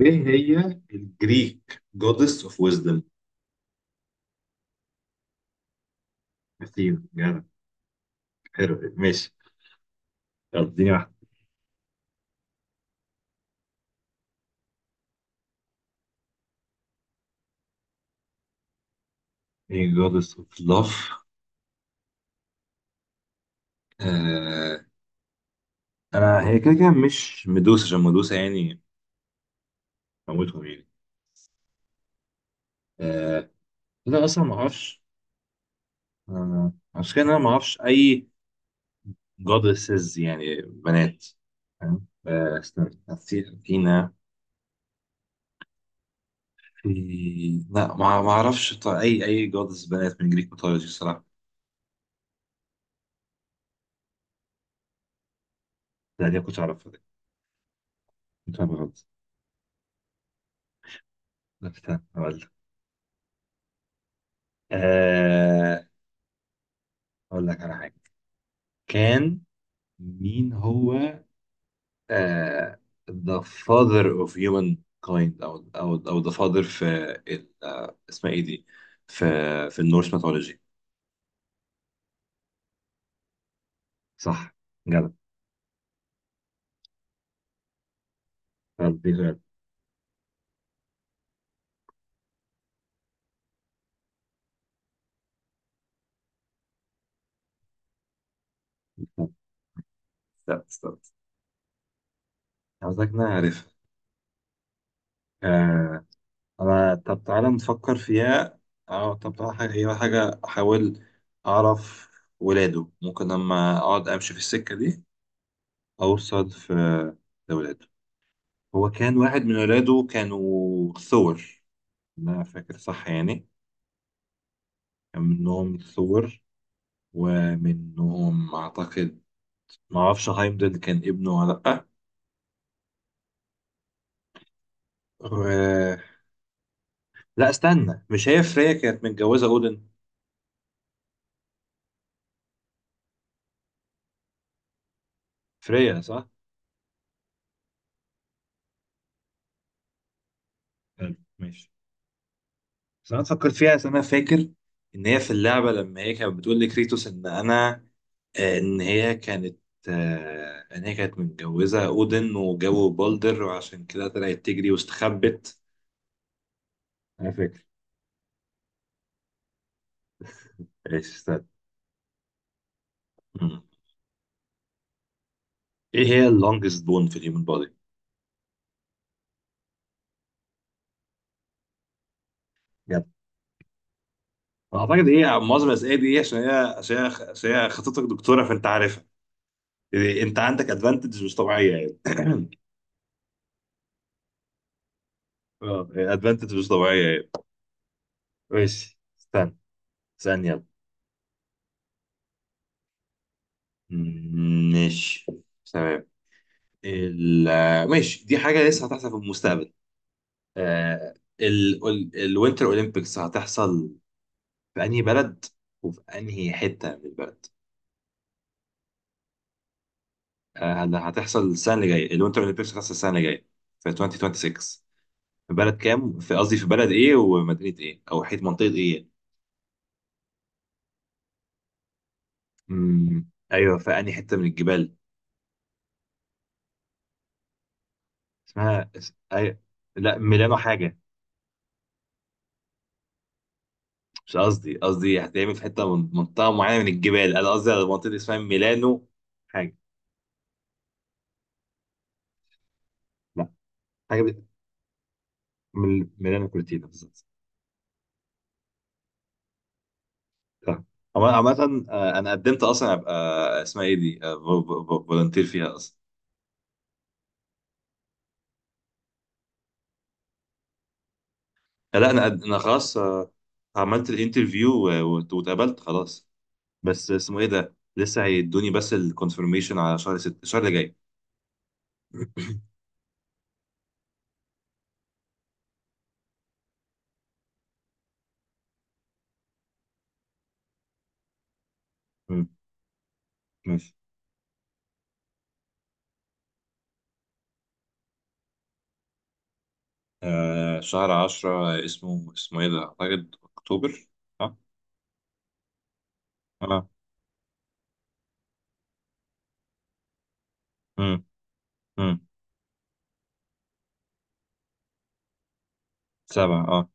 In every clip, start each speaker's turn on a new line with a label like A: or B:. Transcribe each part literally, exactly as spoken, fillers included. A: ايه هي الجريك جودس اوف ويزدم؟ اثينا، جدع. حلو، ماشي. يلا اديني واحده. ايه جودس اوف لاف؟ آه. انا هي كده كده مش مدوسه، عشان مدوسه يعني موتهم يعني. آه. انا اصلا ما اعرفش. آه، عشان كده انا ما اعرفش اي جودسز يعني بنات. فاهم؟ آه استنى، أثي- اثينا. في، لا ما ما اعرفش، ط- اي اي جودس بنات من جريك ميثولوجي الصراحه. لا دي ما كنتش اعرفها دي، كنت اعرف غلط. لا استنى هقول لك. آه اقول لك على حاجه. كان مين هو؟ آه، the father of human kind، او او او the father في ال- آه، اسمها ايه دي؟ في، في النورس ميثولوجي. صح، جدع. طب دي سؤال. لا استنى، عاوزك نعرف. آه انا، طب تعالى نفكر فيها. اه طب تعالى حاجه، هي حاجه احاول اعرف ولاده ممكن لما اقعد امشي في السكه دي اوصل في لولاده. هو كان واحد من ولاده كانوا ثور، أنا فاكر صح يعني. كان منهم ثور، ومنهم أعتقد، ما أعرفش هايمدل كان ابنه ولا لأ و... لا استنى، مش هي فريا كانت متجوزة أودن؟ فريا صح؟ حلو، ماشي. بس أنا فكرت فيها أصل أنا فاكر إن هي في اللعبة لما هي كانت بتقول لكريتوس إن أنا آه، إن هي كانت آه، إن هي كانت متجوزة أودن وجابوا بالدر وعشان كده طلعت تجري واستخبت. أنا فاكر. استنى. مم. ايه هي اللونجست بون في الهيومن بودي؟ يلا. اعتقد هي معظم الاسئله دي إيه؟ عشان هي عشان هي عشان هي خطيبتك دكتوره فانت عارفها، يعني انت عندك ادفانتج مش طبيعيه يعني. اه، ادفانتج مش طبيعيه يعني. ماشي استنى. استنى يلا. مم، ماشي، تمام. ال ماشي، دي حاجه لسه هتحصل في المستقبل. آه، ال الوينتر اولمبيكس هتحصل في انهي بلد، وفي انهي حته من البلد؟ آه، هن- هتحصل السنه اللي جايه، الوينتر اولمبيكس هتحصل السنه اللي جايه، في ألفين وستة وعشرين، في بلد كام، في قصدي في بلد ايه ومدينه ايه او حيث منطقه ايه. امم ايوه، في انهي حته من الجبال؟ اسمها اس... أي... لا ميلانو حاجه، مش قصدي، قصدي هتعمل في حته من منطقه معينه من الجبال، انا قصدي على منطقه اسمها ميلانو حاجه. لا حاجه ب... ميل- ميلانو كورتينا بالظبط، صح. عم- عامة آه، أنا قدمت أصلا أبقى آه، اسمها إيه دي؟ فولنتير فيها. لا انا قد- انا خلاص، آه، عملت الانترفيو و- وت- واتقبلت خلاص، بس اسمه ايه ده لسه هيدوني بس الكونفirmation على شهر ست، الشهر اللي جاي. مم. ماشي. آه، شهر عشرة اسمه، اسمه ايه ده، اعتقد اكتوبر. اه. اه. امم. امم. سبعة اه.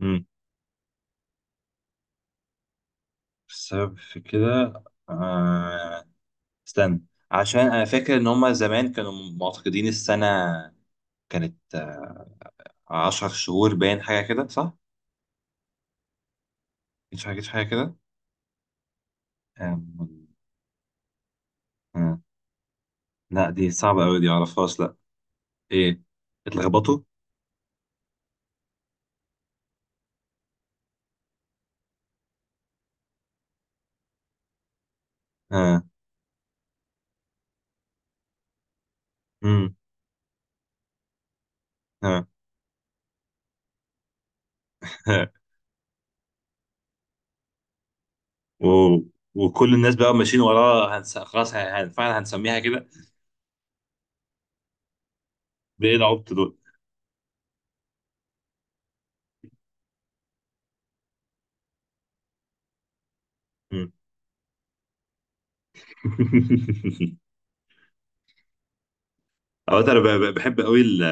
A: امم. السبب في كده، آه، استنى. عشان انا فاكر ان هما زمان كانوا معتقدين السنة كانت آه، عشر شهور، باين حاجة كده صح؟ مش حاجة حاجة كده؟ آه، لا دي صعبة أوي، دي معرفهاش لا. إيه، اتلخبطوا. ها. امم. ها. ها. و... وكل الناس بقى ماشيين وراه هنس... خلاص ه- هن... فعلا هنسميها كده. بإيه العبط دول؟ مم. أو أنا ب- ب- بحب أوي ال...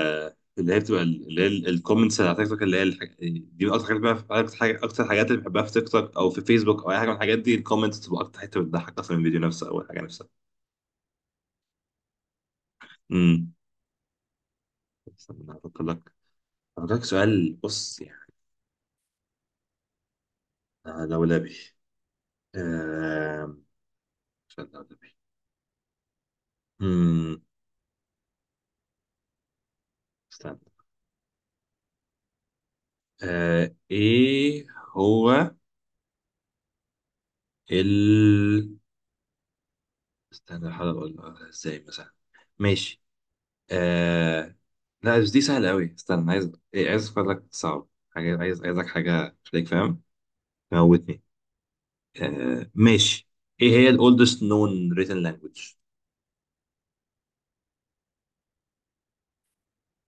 A: اللي هي بتبقى ال- اللي هي ال- الكومنتس اللي على تيك توك، اللي هي الحاجة... دي من أكتر حاجات، بقى أكتر حاجة أكتر حاجات اللي بحبها في تيك توك أو في فيسبوك أو أي حاجة من الحاجات دي، الكومنتس بتبقى أكتر حتة بتضحك أصلا من الفيديو نفسه أو الحاجة نفسها. امم. استنى أفكر لك. أفكر لك سؤال، بص يعني أنا لولبي. آه... استنى يا نبي. مم... استنى، آه... ايه هو ال استنى، بحاول اقول ازاي مثلا. ماشي. آه... لا بس دي سهلة قوي، استنى عايز إيه، عايز افكر لك صعب حاجة، عايز عايزك حاجة خليك فاهم، موتني. آه... ماشي. ايه هي ال oldest known written language؟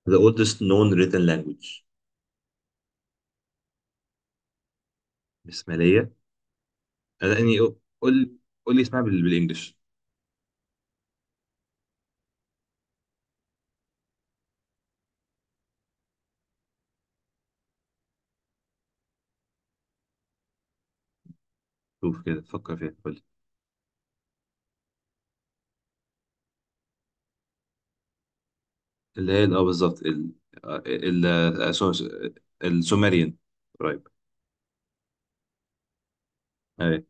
A: the oldest known written language. بسمالية؟ آه، لا يعني، قول، قول لي اسمها بال- بالانجلش. شوف كده فكر فيها. اللي هي ال- اه بالظبط ال آه، ال ال- السومريان، قريب. ايه،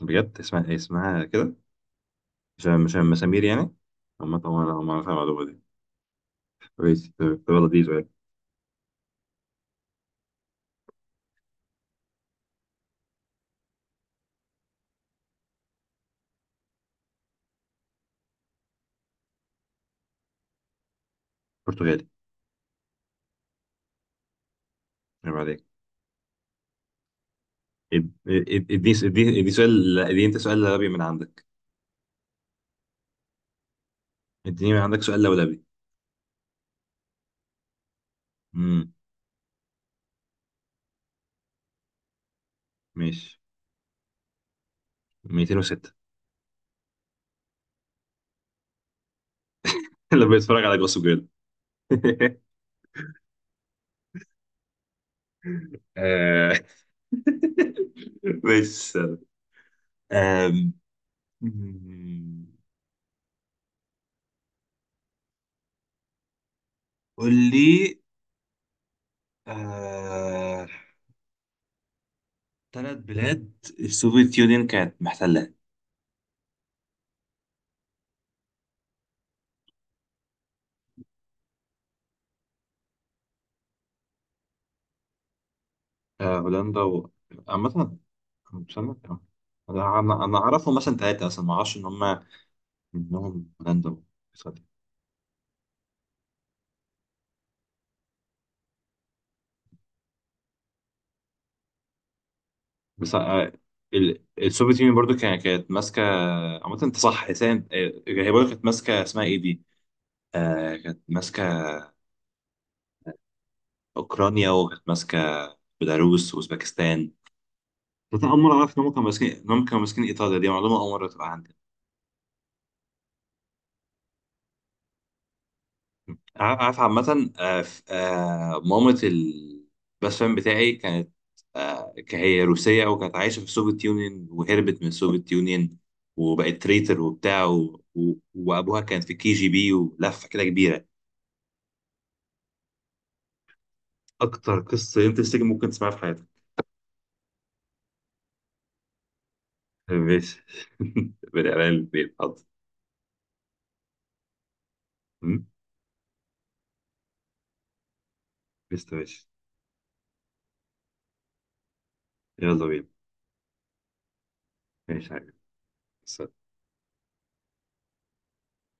A: بجد اسمها ايه؟ اسمها كده، مش مش مسامير يعني. اما طبعا انا ما اعرف المعلومه دي. كويس، طب، طب يلا دي سؤال. برتغالي. عيب عليك. اد- اد- اديني س- اديني اديني سؤال، لا، اديني انت سؤال لولبي من عندك. اديني من عندك سؤال لولبي. امم. ماشي، مية وستة. اللي بيتفرج على جوسو جيرل. آه. بس، آم، قول لي. آه... ثلاث بلاد السوفيت يونين كانت محتلها. آه، هولندا و... عامة استنى، آه. أنا أنا أنا أعرفهم مثلا ثلاثة، أصلا ما أعرفش إن هم منهم هولندا وإيطاليا. بس آه، ال- السوفيت يونين برضو كانت كانت ماسكة. عامة أنت صح حسين، آه، هي برضو كانت ماسكة اسمها إيه دي؟ آه، كانت ماسكة أوكرانيا، وكانت ماسكة بيلاروس وأوزبكستان. بس أنا أول مرة أعرف إن هم كانوا ماسكين إن هم كانوا ماسكين إيطاليا، دي معلومة أول مرة تبقى عندي. عارف عارف، عامة آه، ف- آه، مامة الباست فريند بتاعي كانت، آه، ك- هي روسية وكانت عايشة في السوفيت يونيون، وهربت من السوفيت يونيون وبقت تريتر وبتاع و... و... وأبوها كان في كي جي بي، ولفة كده كبيرة. أكتر قصة انترستنج ممكن تسمعها في حياتك. ماشي. بني آدمين بيتحط. م؟ قشطة، ماشي. يلا بينا. ماشي حاجة.